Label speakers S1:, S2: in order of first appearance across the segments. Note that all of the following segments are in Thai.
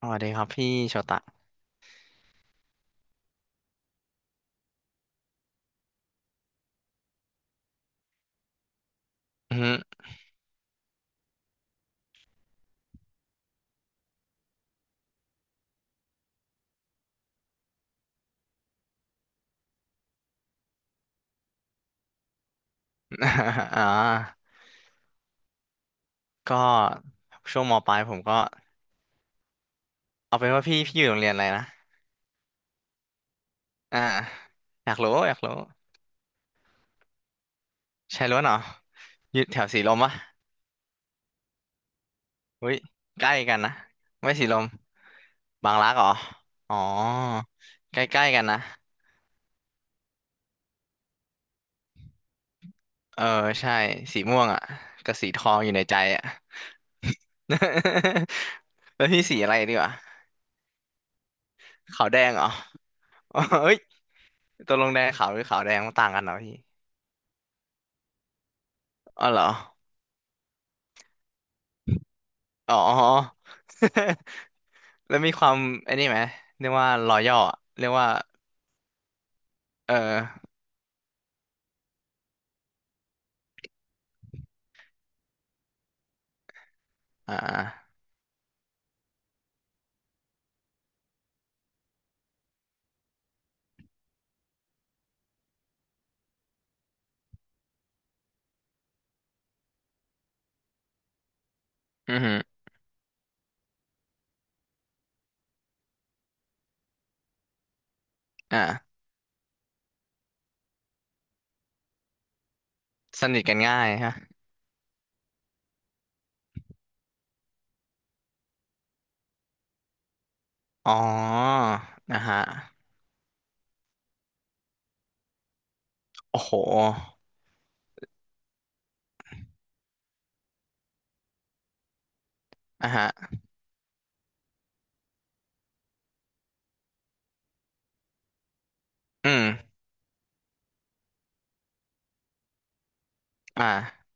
S1: สวัสดีครับพี่โชตะอืม อ่าก็ช่วงมปลายผมก็เอาเป็นว่าพี่อยู่โรงเรียนอะไรนะอ่าอยากรู้อยากรู้ ใช่ล้วนเหรออยู่แถวสีลมปะอุ้ยใกล้กันนะ ไม่สีลม บางรักเหรอ อ๋อใกล้ๆกันนะเออใช่สีม่วงอ่ะกับสีทองอยู่ในใจอ่ะ แล้วพี่สีอะไรดีวะขาวแดงเหรอ เอ้ ยตกลงแดงขาวหรือขาวแดงมันต่างกันเหรอพี่อ๋อเหรอ อ๋อ แล้วมีความไอ้นี่ไหมเรียกว่ารอย่อเรียกว่าเอออ่าอือหืออ่าสนิทกันง่ายฮะอ๋อนะฮะโอ้โหอ่ะฮะอืมอ่า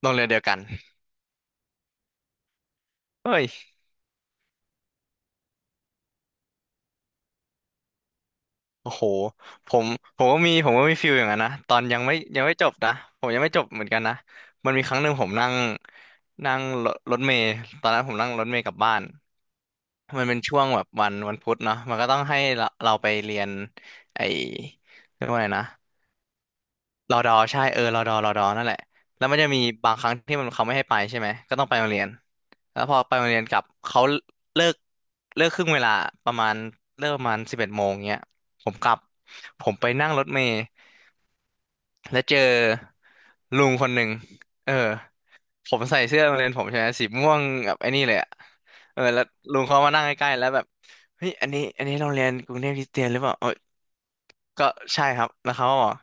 S1: โรงเรียนเดียวกันเฮ้ยโอ้โหผมผมก็มีฟิลอย่างนั้นนะตอนยังไม่จบนะผมยังไม่จบเหมือนกันนะมันมีครั้งหนึ่งผมนั่งนั่งรถรถเมล์ตอนนั้นผมนั่งรถเมล์กลับบ้าน มันเป็นช่วงแบบวันพุธเนาะมันก็ต้องให้เราไปเรียนไอเรียกว่าไงนะรอดอใช่เออรอดอรอดอนั่นแหละแล้วมันจะมีบางครั้งที่มันเขาไม่ให้ไปใช่ไหมก็ต้องไปโรงเรียนแล้วพอไปโรงเรียนกลับเขาเลิกเลิกครึ่งเวลาประมาณเลิกประมาณ11 โมงเงี้ยผมกลับผมไปนั่งรถเมล์ แล้วเจอลุงคนหนึ่งเออผมใส่เสื้อโรงเรียนผมใช่ไหมสีม่วงแบบไอ้นี่เลยอะเออแล้วลุงเขามานั่งใกล้ๆแล้วแบบเฮ้ยอันนี้โรงเรียนกรุงเทพคริสเตียนหรือเปล่าเออก็ใช่ครับแล้วเขาก็บอก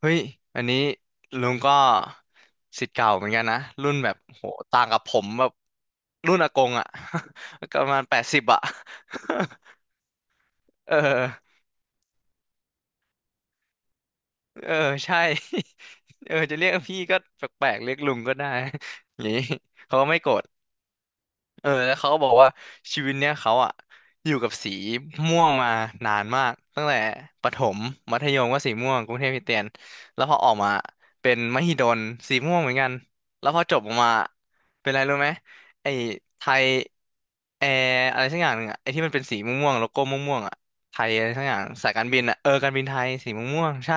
S1: เฮ้ยอันนี้ลุงก็ศิษย์เก่าเหมือนกันนะรุ่นแบบโหต่างกับผมแบบรุ่นอากงอะ ก็ประมาณ80อะ เออ เออใช่ เออจะเรียกพี่ก็แปลกๆเรียกลุงก็ได้ อย่างนี้เขาก็ไม่โกรธ เออแล้วเขาก็บอกว่าชีวิตเนี้ยเขาอะอยู่กับสีม่วงมานานมากตั้งแต่ประถมมัธยมก็สีม่วงกรุงเทพคริสเตียนแล้วพอออกมาเป็นมหิดลสีม่วงเหมือนกันแล้วพอจบออกมาเป็นอะไรรู้ไหมไอ้ไทยแอร์อะไรสักอย่างหนึ่งอะไอ้ที่มันเป็นสีม่วงๆโลโก้ม่วงๆอะไทยอะไรสักอย่างสายการบินอะเออการบินไทยสีม่วงๆใช่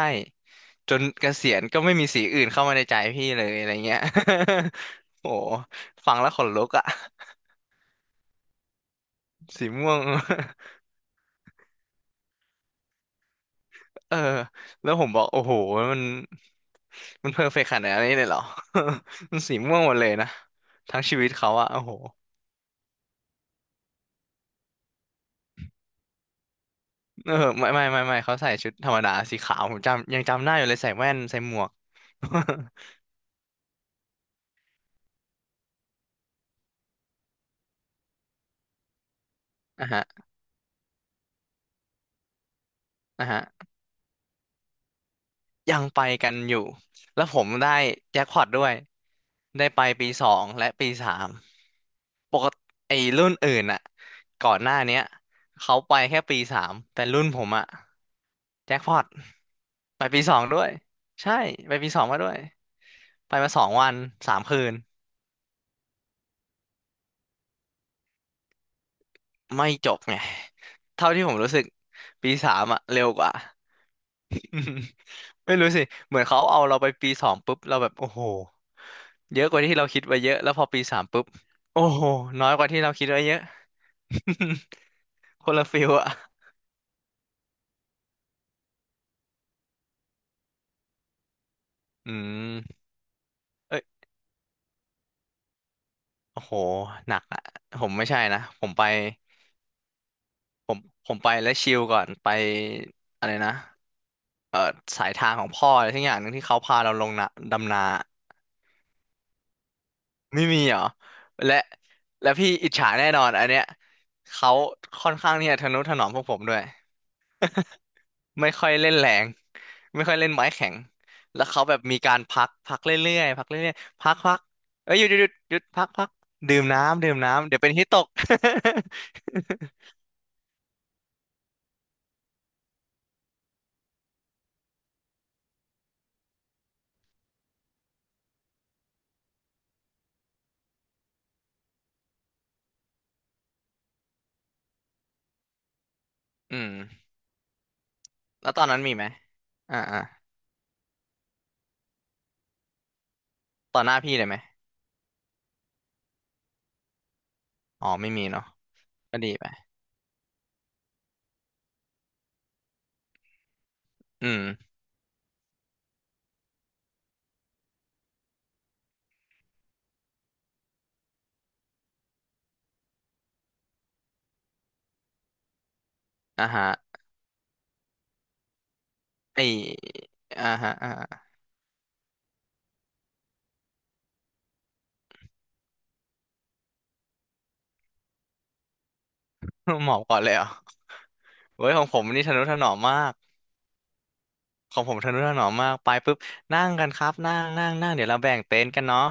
S1: จนเกษียณก็ไม่มีสีอื่นเข้ามาในใจพี่เลยอะไรเงี้ย โอ้ฟังแล้วขนลุกอะ สีม่วง เออ แล้วผมบอกโอ้โห มันมันเพอร์เฟกต์ขนาดนี้เลยเหรอ มันสีม่วงหมดเลยนะ ทั้งชีวิตเขาอะโอ้โหเออไม่ไม่ไม่ไม่เขาใส่ชุดธรรมดาสีขาว ผมจำยังจำได้อยู่เลยใส่แว่นใส่หมวก อ่ะฮะอ่ะฮะยังไปกันอยู่ แล้วผมได้แจ็คพอตด้วย ได้ไปปีสองและปีสาม ปกติไอ้รุ่นอื่นอะก่อนหน้าเนี้ยเขาไปแค่ปีสามแต่รุ่นผมอะแจ็คพอตไปปีสองด้วยใช่ไปปีสองมาด้วยไปมา2 วัน 3 คืนไม่จบไงเท่าที่ผมรู้สึกปีสามอะเร็วกว่า อืมไม่รู้สิเหมือนเขาเอาเราไปปีสองปุ๊บเราแบบโอ้โหเยอะกว่าที่เราคิดไว้เยอะแล้วพอปีสามปุ๊บโอ้โหน้อยกว่าที่เราคิดไว้เยอะ คนละฟิลอะอืมเอ้ โอ้โหหนักอะผมไม่ใช่นะผมไปผมผมไปแล้วชิลก่อนไปอะไรนะเออสายทางของพ่ออะไรทั้งอย่างหนึ่งที่เขาพาเราลงนะดำนาไม่มีเหรอและและพี่อิจฉาแน่นอนอันเนี้ยเขาค่อนข้างที่จะทะนุถนอมพวกผมด้วยไม่ค่อยเล่นแรงไม่ค่อยเล่นไม้แข็งแล้วเขาแบบมีการพักพักเรื่อยๆพักเรื่อยๆพักพักเอ้ยหยุดหยุดหยุดหยุดพักพักดื่มน้ำดื่มน้ำเดี๋ยวเป็นฮิตตก อืม แล้วตอนนั้นมีไหมอ่าอ่าต่อหน้าพี่เลยไหมอ๋อไม่มีเนาะก็ดีไปอืมอ่าฮะไออ่าฮะอ่าฮะ หมอบก่อนเลยเหรอเว้ยของผมนี่ทะนุถนอมมาก ของผมทะนุถนอมมากไปปุ๊บนั่งกันครับนั่งนั่งนั่งเดี๋ยวเราแบ่งเต็นท์กันเนาะ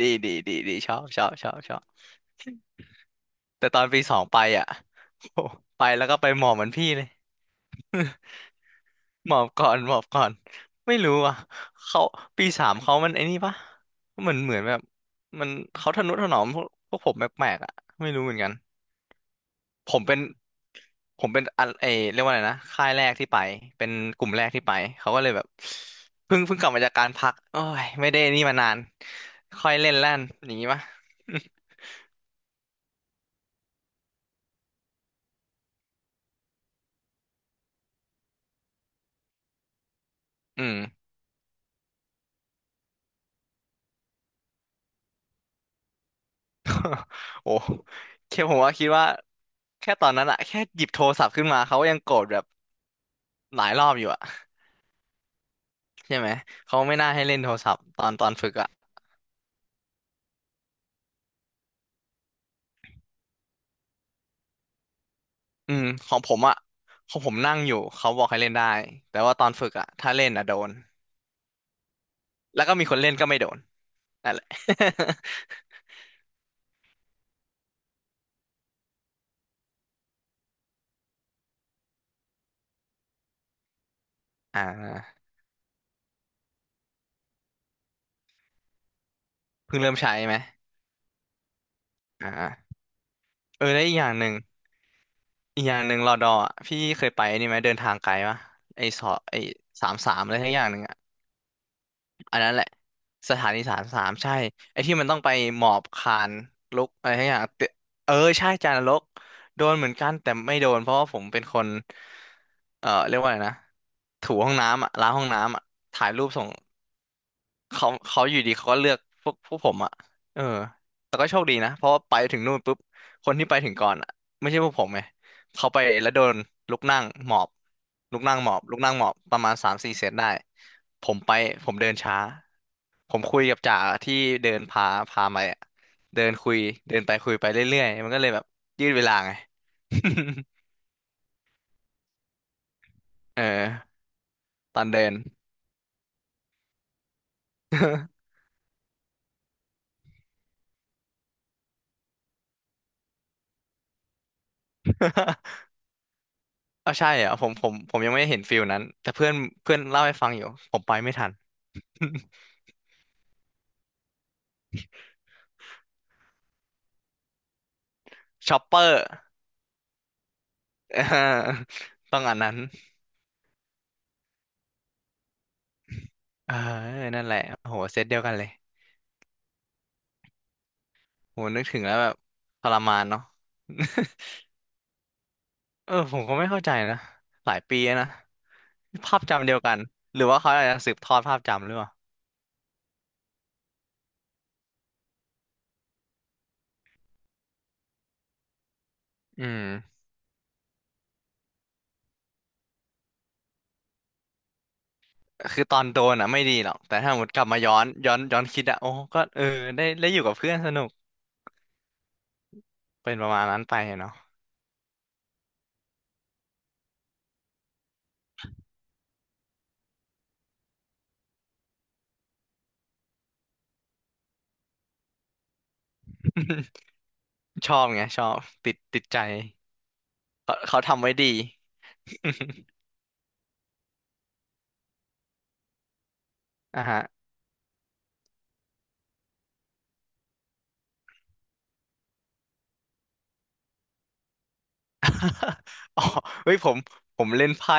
S1: ดีดีดีดี ชอบชอบชอบชอบแต่ตอนปีสองไปอ่ะโอ้ไปแล้วก็ไปหมอบเหมือนพี่เลย หมอบก่อนไม่รู้อ่ะเขาปีสามเขามันไอ้นี่ปะเหมือนแบบมันเขาทะนุถนอมพวกผมแปลกๆอ่ะไม่รู้เหมือนกันผมเป็นผมเป็นอันเรียกว่าอะไรนะค่ายแรกที่ไปเป็นกลุ่มแรกที่ไปเขาก็เลยแบบเพิ่งกลับมาจากการพักโอ้ยไม่ได้นี่มานานค่อยเล่นแล่นอย่างงี้ปะ อืมโอ้แค่ผมว่าคิดว่าแค่ตอนนั้นอะแค่หยิบโทรศัพท์ขึ้นมาเขาก็ยังโกรธแบบหลายรอบอยู่อะ ใช่ไหมเขาไม่น่าให้เล่นโทรศัพท์ตอนฝึกอ่ะอืมของผมอ่ะของผมนั่งอยู่เขาบอกให้เล่นได้แต่ว่าตอนฝึกอ่ะถ้าเล่นอ่ะโดนแล้วก็มีคนเล่นก็ไม่โดนนั่นแหละ อ่าเพิ่งเริ่มใช้ไหมอ่าเออแล้วอีกอย่างหนึ่งอีกอย่างหนึ่งรอดออ่ะพี่เคยไปนี่ไหมเดินทางไกลปะไอสอไอสามสามอะไรทั้งอย่างหนึ่งอะ อันนั้นแหละสถานีสามสามใช่ไอ้ที่มันต้องไปหมอบคานลุกอะไรทั้งอย่างเตเออใช่จานรกโดนเหมือนกันแต่ไม่โดนเพราะว่าผมเป็นคนเรียกว่าอะไรนะถูห้องน้ำอ่ะล้างห้องน้ำอ่ะถ่ายรูปส่ง เขาอยู่ดีเขาก็เลือกพวกผมอ่ะเออแต่ก็โชคดีนะเพราะว่าไปถึงนู่นปุ๊บคนที่ไปถึงก่อนอ่ะไม่ใช่พวกผมไงเขาไปแล้วโดนลุกนั่งหมอบลุกนั่งหมอบลุกนั่งหมอบประมาณสามสี่เซตได้ผมไปผมเดินช้าผมคุยกับจ่าที่เดินพาไปอ่ะเดินคุยเดินไปคุยไปเรื่อยๆมันก็เลยแบบยืดเวลาไง เออตอนเดิน เออใช่อ่ะผมยังไม่เห็นฟิลนั้นแต่เพื่อนเพื่อนเล่าให้ฟังอยู่ผมไปไม่ทัน ช็อปเปอร์ เออต้องอันนั้นเออนั่นแหละโอ้โหเซตเดียวกันเลยโหนึกถึงแล้วแบบทรมานเนาะ เออผมก็ไม่เข้าใจนะหลายปีแล้วนะภาพจำเดียวกันหรือว่าเขาอาจจะสืบทอดภาพจำหรือเปล่าอืมคือตอนโดนอ่ะไม่ดีหรอกแต่ถ้าหมดกลับมาย้อนคิดอ่ะโอ้ก็เออได้อยู่กับเพื่อนสนุกเป็นประมาณนั้นไปเนาะ ชอบไงชอบติดใจ เขาทำไว้ดี อ่าฮะ อ๋อเฮ้ยผมเล่นไพ่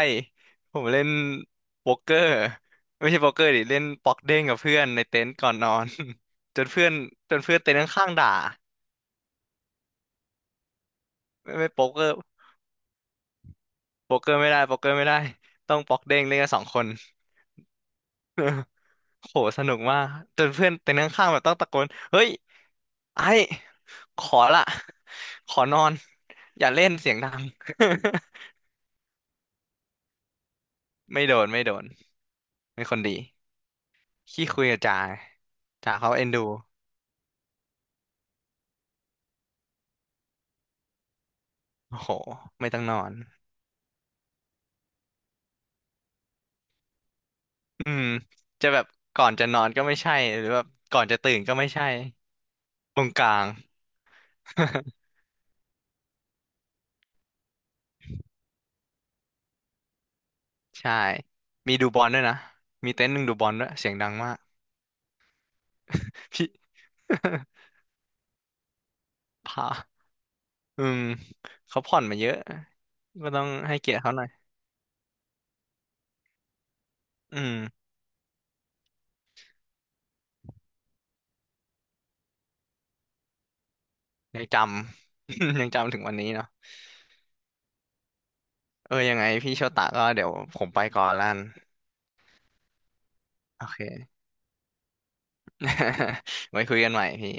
S1: ผมเล่นโป๊กเกอร์ไม่ใช่โป๊กเกอร์ดิเล่นป๊อกเด้งกับเพื่อนในเต็นท์ก่อนนอน จนเพื่อนจนเพื่อนเต็นท์ข้างๆด่าไม่โป๊กเกอร์โป๊กเกอร์ไม่ได้โป๊กเกอร์ไม่ได้ต้องป๊อกเด้งเล่นกันสองคน โหสนุกมากจนเพื่อนเต็นท์ข้างๆแบบต้องตะโกนเฮ้ยไอ้ขอละขอนอนอย่าเล่นเสียงดัง ไม่โดนเป็นคนดี ขี้คุยกับจ่าจ่าเขาเอ็นดูโอ้โหไม่ต้องนอน อืมจะแบบก่อนจะนอนก็ไม่ใช่หรือแบบก่อนจะตื่นก็ไม่ใช่ตรงกลาง ใช่มีดูบอลด้วยนะมีเต็นท์หนึ่งดูบอลด้วยเสียงดังมากพี่ พาอืมเขาผ่อนมาเยอะ ก็ต้องให้เกียรติเขาหน่อย อืมยังจำ ยังจำถึงวันนี้เนาะเออยังไงพี่โชตะก็เดี๋ยวผมไปก่อนละกันโอเค ไว้คุยกันใหม่พี่